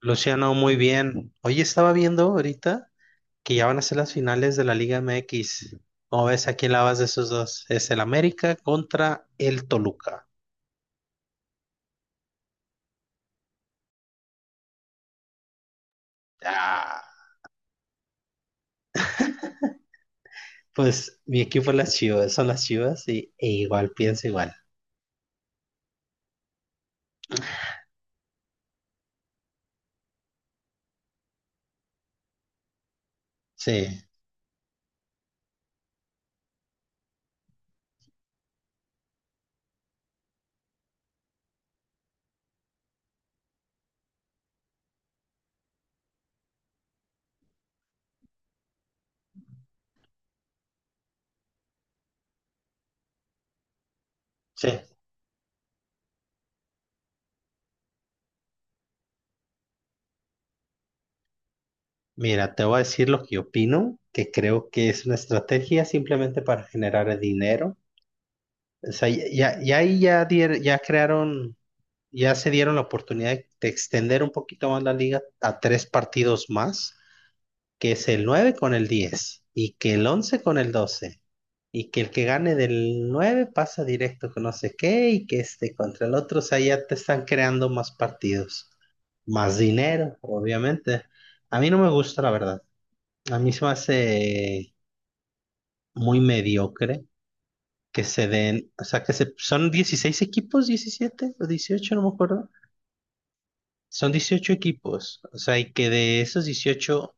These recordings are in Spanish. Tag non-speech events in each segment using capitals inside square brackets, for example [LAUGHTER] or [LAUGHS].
Luciano, muy bien. Hoy estaba viendo ahorita que ya van a ser las finales de la Liga MX. ¿Cómo ves? ¿A quién la vas de esos dos? Es el América contra el Toluca. Ah, pues mi equipo es las Chivas, son las Chivas y, e igual pienso igual. Sí, sí. Mira, te voy a decir lo que opino, que creo que es una estrategia simplemente para generar dinero. O sea, ya ahí ya, ya crearon. Ya se dieron la oportunidad de extender un poquito más la liga a tres partidos más, que es el 9 con el 10 y que el 11 con el 12 y que el que gane del 9 pasa directo con no sé qué y que este contra el otro, o sea, ya te están creando más partidos, más dinero, obviamente. A mí no me gusta, la verdad. A mí se me hace muy mediocre que se den, o sea, que se, son 16 equipos, 17 o dieciocho, no me acuerdo. Son 18 equipos, o sea, y que de esos 18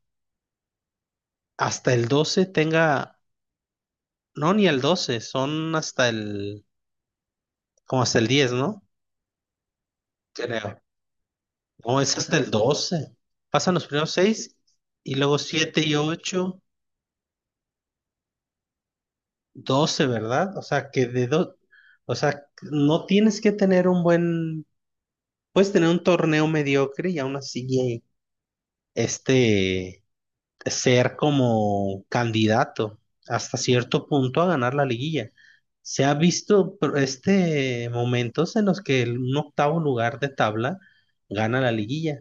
hasta el 12 tenga, no, ni el doce, son hasta el, como hasta el diez, ¿no? Creo. No, es hasta el doce. Pasan los primeros 6 y luego 7 y ocho, doce, ¿verdad? O sea, que de dos, o sea, no tienes que tener un buen, puedes tener un torneo mediocre y aún así, este, ser como candidato hasta cierto punto a ganar la liguilla. Se ha visto pero, este, momentos en los que un octavo lugar de tabla gana la liguilla,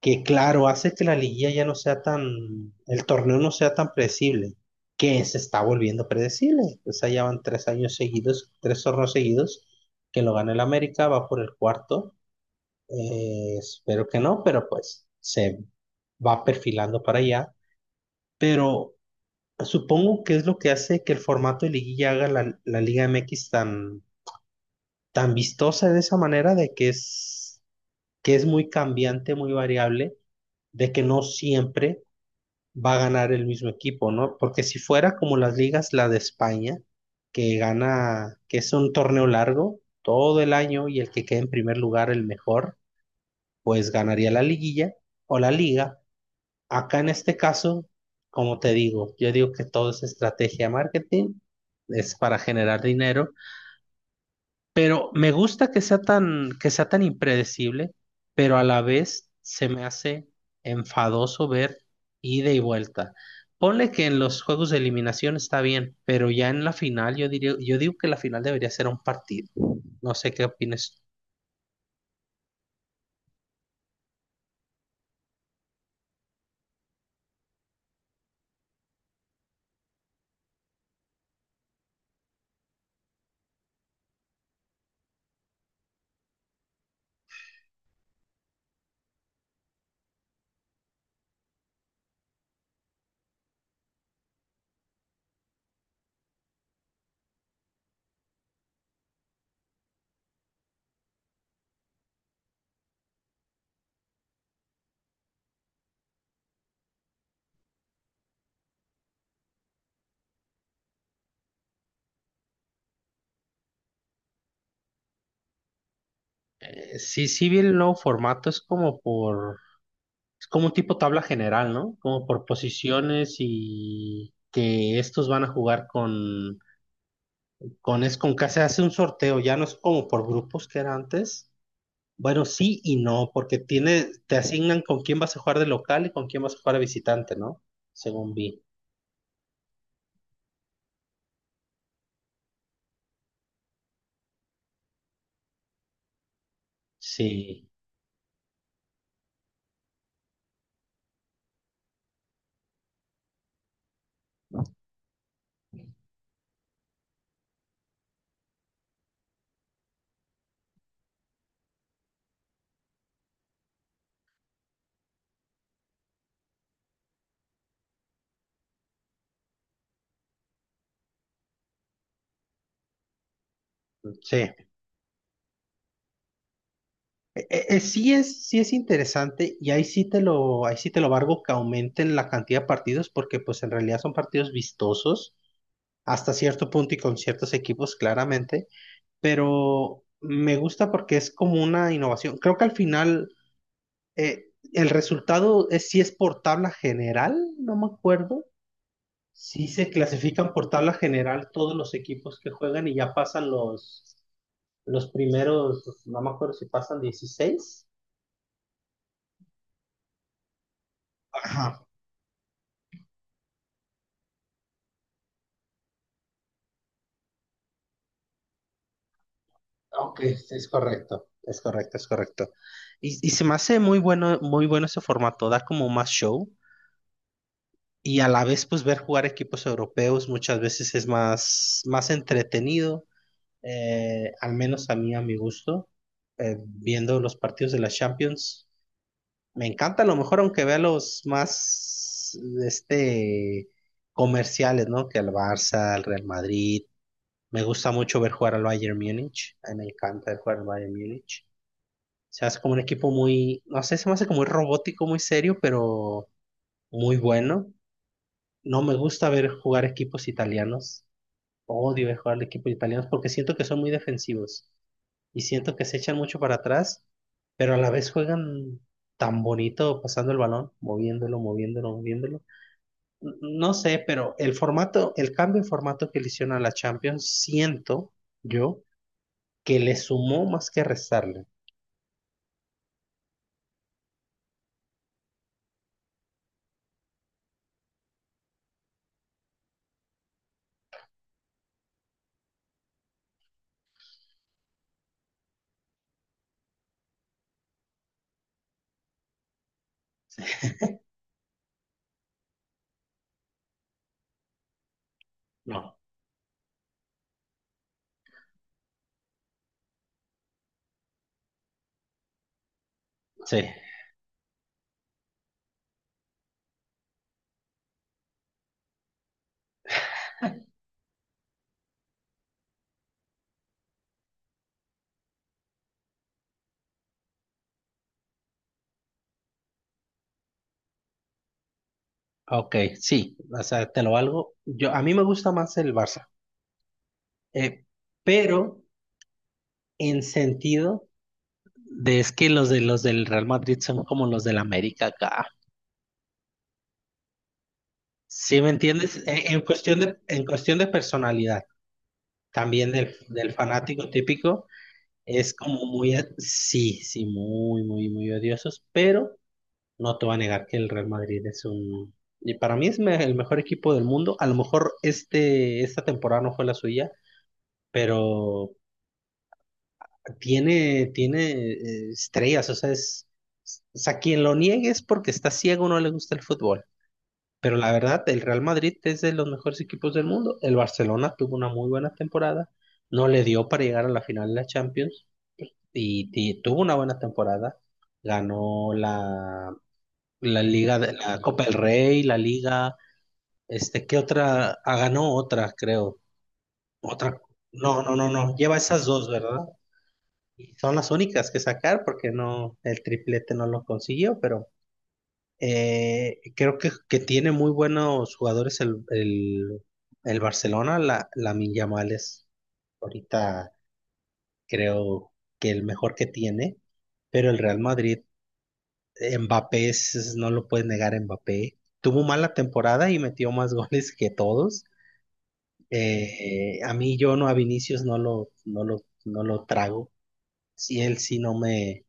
que claro, hace que la liguilla ya no sea tan, el torneo no sea tan predecible, que se está volviendo predecible. O sea, ya van tres años seguidos, tres torneos seguidos, que lo gana el América, va por el cuarto. Espero que no, pero pues se va perfilando para allá. Pero supongo que es lo que hace que el formato de liguilla haga la Liga MX tan, tan vistosa de esa manera, de que es muy cambiante, muy variable, de que no siempre va a ganar el mismo equipo, ¿no? Porque si fuera como las ligas, la de España, que gana, que es un torneo largo todo el año y el que quede en primer lugar, el mejor, pues ganaría la liguilla o la liga. Acá en este caso, como te digo, yo digo que todo es estrategia de marketing, es para generar dinero, pero me gusta que sea tan impredecible, pero a la vez se me hace enfadoso ver ida y vuelta. Ponle que en los juegos de eliminación está bien, pero ya en la final yo diría, yo digo que la final debería ser un partido. No sé qué opinas. Sí, sí, vi el nuevo formato, es como por... Es como un tipo tabla general, ¿no? Como por posiciones y que estos van a jugar con es con que se hace un sorteo, ya no es como por grupos que era antes. Bueno, sí y no, porque tiene, te asignan con quién vas a jugar de local y con quién vas a jugar de visitante, ¿no? Según vi. Sí, sí. Sí es interesante y ahí sí te lo, ahí sí te lo valgo que aumenten la cantidad de partidos porque pues en realidad son partidos vistosos hasta cierto punto y con ciertos equipos claramente. Pero me gusta porque es como una innovación. Creo que al final el resultado es si es por tabla general, no me acuerdo. Si se clasifican por tabla general todos los equipos que juegan y ya pasan los primeros, no me acuerdo si pasan dieciséis. Ajá, ok, es correcto, es correcto, es correcto. Y se me hace muy bueno, muy bueno ese formato, da como más show. Y a la vez pues ver jugar equipos europeos muchas veces es más, más entretenido, al menos a mí, a mi gusto, viendo los partidos de la Champions. Me encanta a lo mejor aunque vea los más, este, comerciales, ¿no? Que al Barça, al Real Madrid. Me gusta mucho ver jugar al Bayern Múnich, a mí me encanta ver jugar al Bayern Múnich. Se hace como un equipo muy, no sé, se me hace como muy robótico, muy serio, pero muy bueno. No me gusta ver jugar equipos italianos. Odio ver jugar equipos italianos porque siento que son muy defensivos y siento que se echan mucho para atrás, pero a la vez juegan tan bonito pasando el balón, moviéndolo, moviéndolo, moviéndolo. No sé, pero el formato, el cambio de formato que le hicieron a la Champions, siento yo que le sumó más que restarle. No, sí, ok, sí, o sea, te lo valgo. Yo, a mí me gusta más el Barça, eh, pero en sentido. De es que los de los del Real Madrid son como los del América acá. ¿Sí me entiendes? En cuestión de personalidad, también del, del fanático típico, es como muy, sí, sí, muy, muy, muy odiosos, pero no te voy a negar que el Real Madrid es un, y para mí es el mejor equipo del mundo. A lo mejor este, esta temporada no fue la suya, pero tiene, tiene estrellas, o sea, es, o sea, quien lo niegue es porque está ciego o no le gusta el fútbol. Pero la verdad, el Real Madrid es de los mejores equipos del mundo. El Barcelona tuvo una muy buena temporada, no le dio para llegar a la final de la Champions y tuvo una buena temporada. Ganó la, la Liga de la Copa del Rey, la Liga, este, ¿qué otra? Ah, ganó otra, creo. Otra. No, no, no, no. Lleva esas dos, ¿verdad? Y son las únicas que sacar porque no, el triplete no lo consiguió, pero... creo que tiene muy buenos jugadores el Barcelona, la, Lamine Yamal es ahorita creo que el mejor que tiene, pero el Real Madrid, Mbappé, no lo puedes negar, Mbappé tuvo mala temporada y metió más [LAUGHS] goles que todos. A mí yo no, a Vinicius no lo, no lo, no lo trago. Si él sí no me,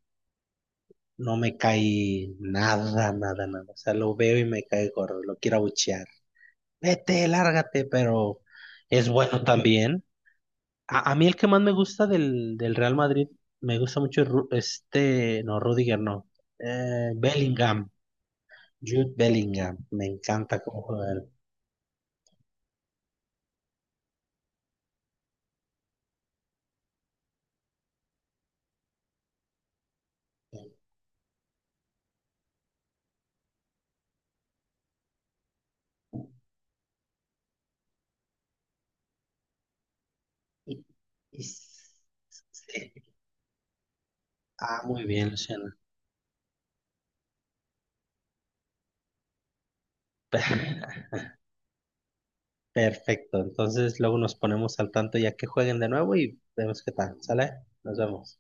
no me cae nada, nada, nada. O sea, lo veo y me cae gordo, lo quiero abuchear. Vete, lárgate, pero es bueno también. A mí el que más me gusta del, del Real Madrid, me gusta mucho este, no, Rudiger no, Bellingham, Jude Bellingham, me encanta cómo juega él. Y- y sí. Ah, muy bien, Luciano. [LAUGHS] Perfecto, entonces luego nos ponemos al tanto ya que jueguen de nuevo y vemos qué tal, ¿sale? Nos vemos.